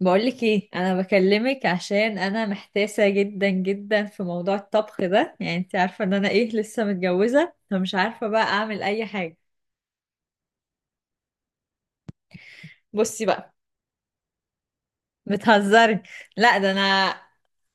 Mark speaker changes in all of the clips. Speaker 1: بقولك ايه؟ انا بكلمك عشان انا محتاسه جدا جدا في موضوع الطبخ ده. يعني انت عارفه ان انا ايه، لسه متجوزه فمش عارفه بقى اعمل اي حاجه. بصي بقى. بتهزري؟ لا ده انا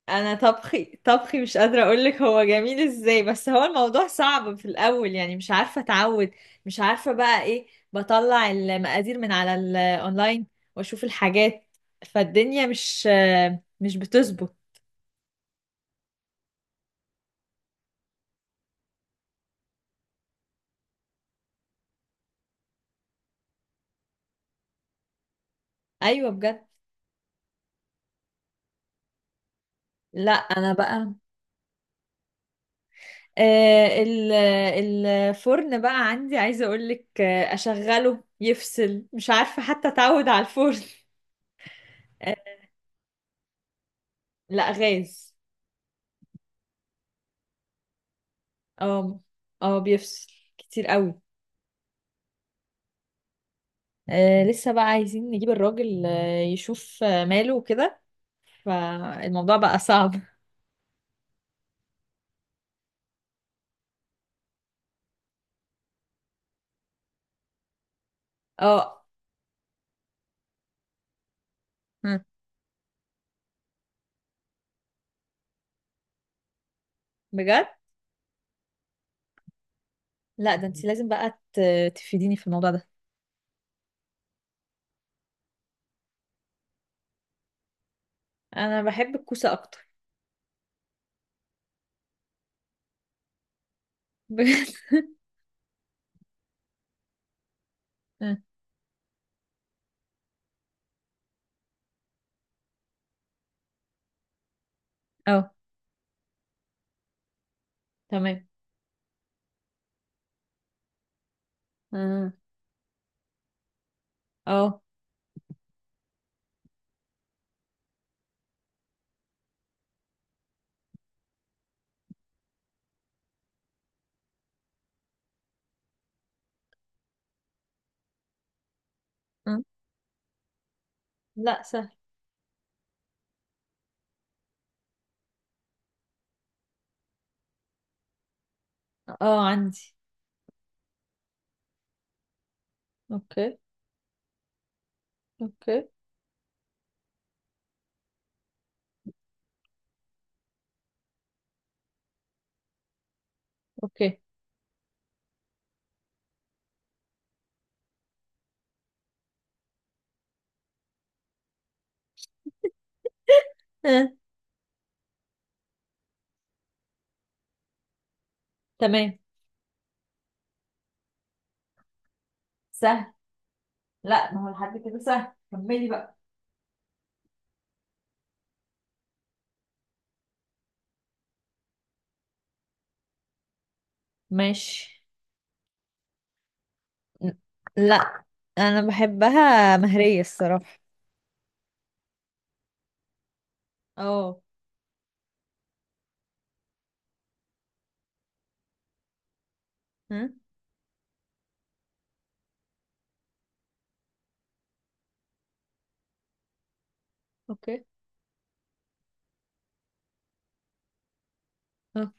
Speaker 1: انا طبخي مش قادره اقولك هو جميل ازاي، بس هو الموضوع صعب في الاول، يعني مش عارفه اتعود. مش عارفه بقى ايه. بطلع المقادير من على الاونلاين واشوف الحاجات، فالدنيا مش بتظبط. ايوه، بجد. لا انا بقى آه، ال- الفرن بقى عندي عايزة أقولك، أشغله يفصل، مش عارفة حتى أتعود على الفرن. آه، لا غاز. اه. اه بيفصل كتير قوي. لسه بقى عايزين نجيب الراجل يشوف ماله وكده. فالموضوع بقى صعب. اه. هم، بجد. لا، ده انت لازم بقى تفيديني في الموضوع ده. انا بحب الكوسة اكتر. بجد. اه. تمام. مم. اه. مم. لا، سهل. اه، عندي. اوكي. اوكي. اوكي. آه. تمام. سهل. لا، ما هو لحد كده سهل، كملي بقى. ماشي. ن- لا، انا بحبها مهرية الصراحة. اه. ها. اوكي. اه.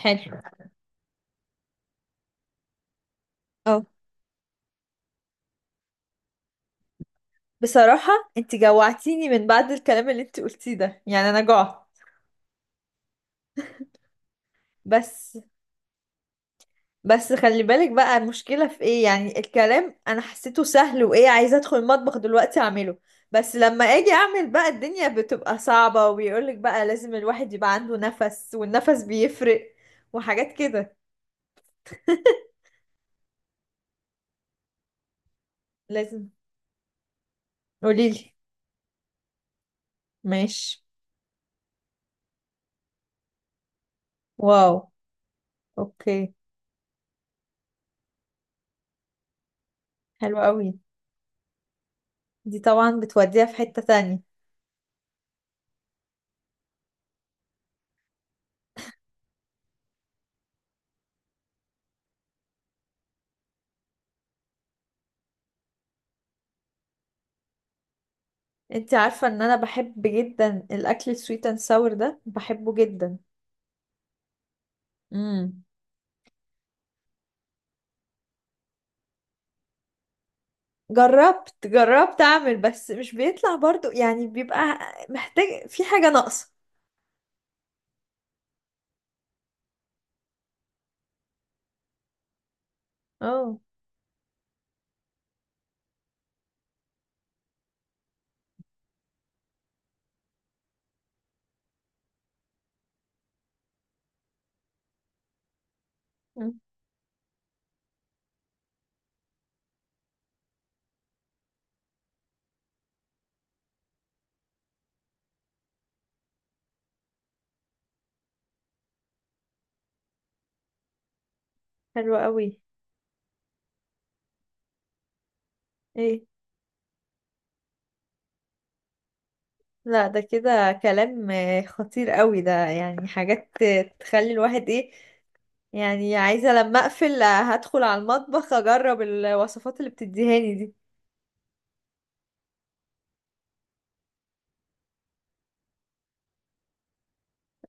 Speaker 1: حلو. اه. بصراحة، انت جوعتيني من بعد الكلام اللي انت قلتيه ده، يعني انا جوعت. بس بس خلي بالك بقى، المشكلة في ايه؟ يعني الكلام انا حسيته سهل، وايه، عايزة ادخل المطبخ دلوقتي اعمله. بس لما اجي اعمل بقى الدنيا بتبقى صعبة، وبيقولك بقى لازم الواحد يبقى عنده نفس، والنفس بيفرق. وحاجات كده. لازم. قوليلي. ماشي. واو. اوكي. حلو قوي. دي طبعا بتوديها في حتة تانية. انت عارفة ان انا بحب جدا الاكل السويت اند ساور ده، بحبه جدا. امم جربت اعمل، بس مش بيطلع برضو، يعني بيبقى محتاج، في حاجة ناقصة. اه. مم. حلو قوي. ايه. لا ده كده كلام خطير قوي، ده يعني حاجات تخلي الواحد ايه؟ يعني عايزة لما اقفل هدخل على المطبخ اجرب الوصفات اللي بتديهاني دي.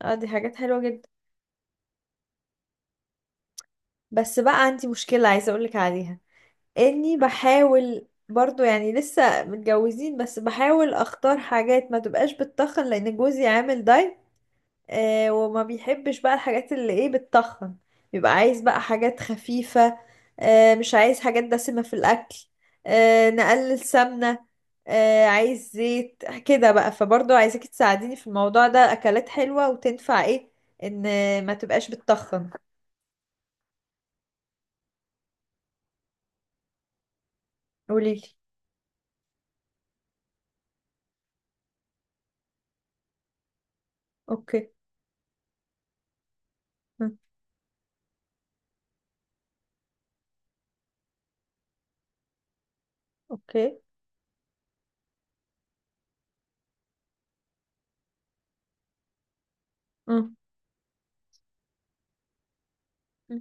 Speaker 1: اه، دي حاجات حلوة جدا. بس بقى عندي مشكلة عايزة اقولك عليها. اني بحاول برضو يعني لسه متجوزين، بس بحاول اختار حاجات ما تبقاش بتتخن لان جوزي عامل دايت. وما بيحبش بقى الحاجات اللي ايه بتتخن. بيبقى عايز بقى حاجات خفيفة. مش عايز حاجات دسمة في الاكل. نقلل سمنة. عايز زيت كده بقى، فبرضو عايزاكي تساعديني في الموضوع ده، اكلات حلوة وتنفع ايه، ان ما تبقاش بتتخن. قوليلي. اوكي. م. اوكي. م. م.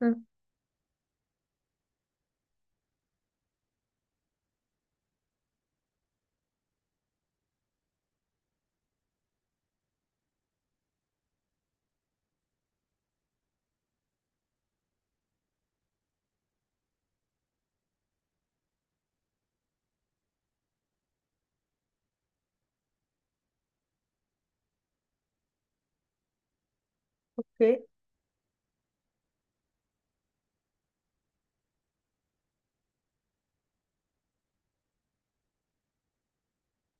Speaker 1: م. اوكي.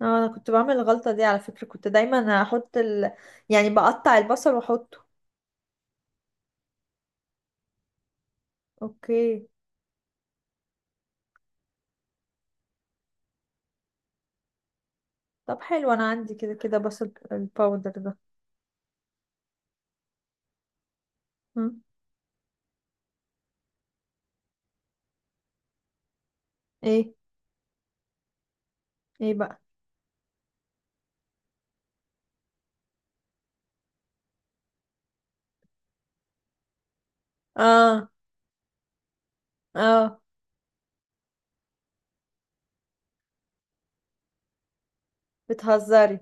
Speaker 1: اه، انا كنت بعمل الغلطة دي على فكرة، كنت دايما احط يعني بقطع البصل واحطه. اوكي. طب حلو، انا عندي كده كده بصل الباودر ده. هم؟ ايه. ايه بقى؟ اه، اه. بتهزري؟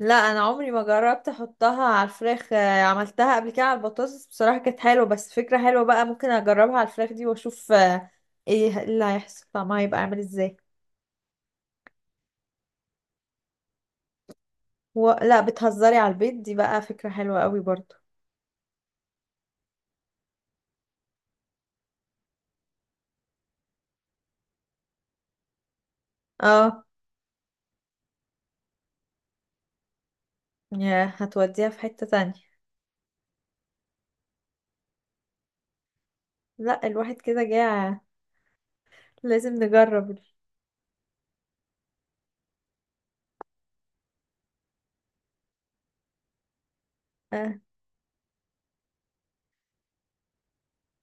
Speaker 1: لا، انا عمري ما جربت احطها على الفراخ، عملتها قبل كده على البطاطس بصراحة كانت حلوة، بس فكرة حلوة بقى ممكن اجربها على الفراخ دي واشوف ايه اللي هيحصل طعمها هيبقى عامل ازاي. لا، بتهزري؟ على البيض دي بقى فكرة حلوة قوي برضو. اه. يا هتوديها في حتة تانية. لا، الواحد كده جاع، لازم نجرب. آه.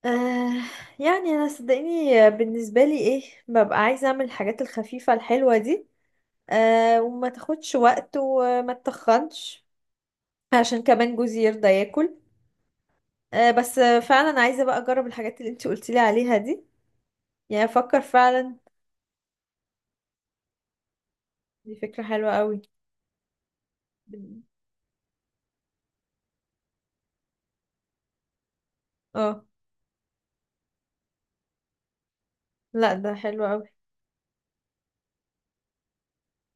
Speaker 1: آه. يعني انا صدقيني بالنسبه لي ايه، ببقى عايزه اعمل الحاجات الخفيفه الحلوه دي. وما تاخدش وقت وما تتخنش عشان كمان جوزي يرضى ياكل. بس فعلا عايزه بقى اجرب الحاجات اللي انت قلتي لي عليها دي، يعني افكر فعلا. دي فكره حلوه قوي. اه. لا ده حلو قوي.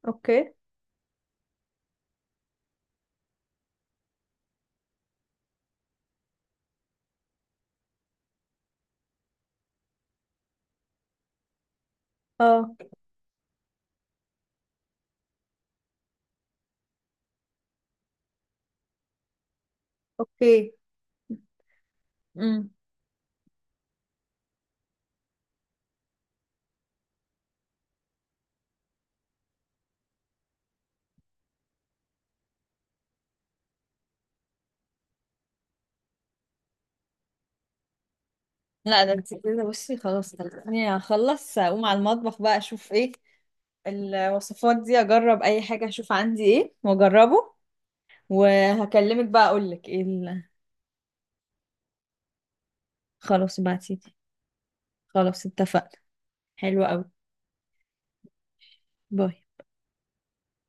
Speaker 1: اوكي. اه. اوكي. لا ده انت كده، بصي خلاص خلصني، هخلص اقوم على المطبخ بقى، اشوف ايه الوصفات دي، اجرب اي حاجة، اشوف عندي ايه واجربه. وهكلمك بقى اقولك ايه. خلاص ابعتيلي. خلاص اتفقنا. حلو قوي. باي.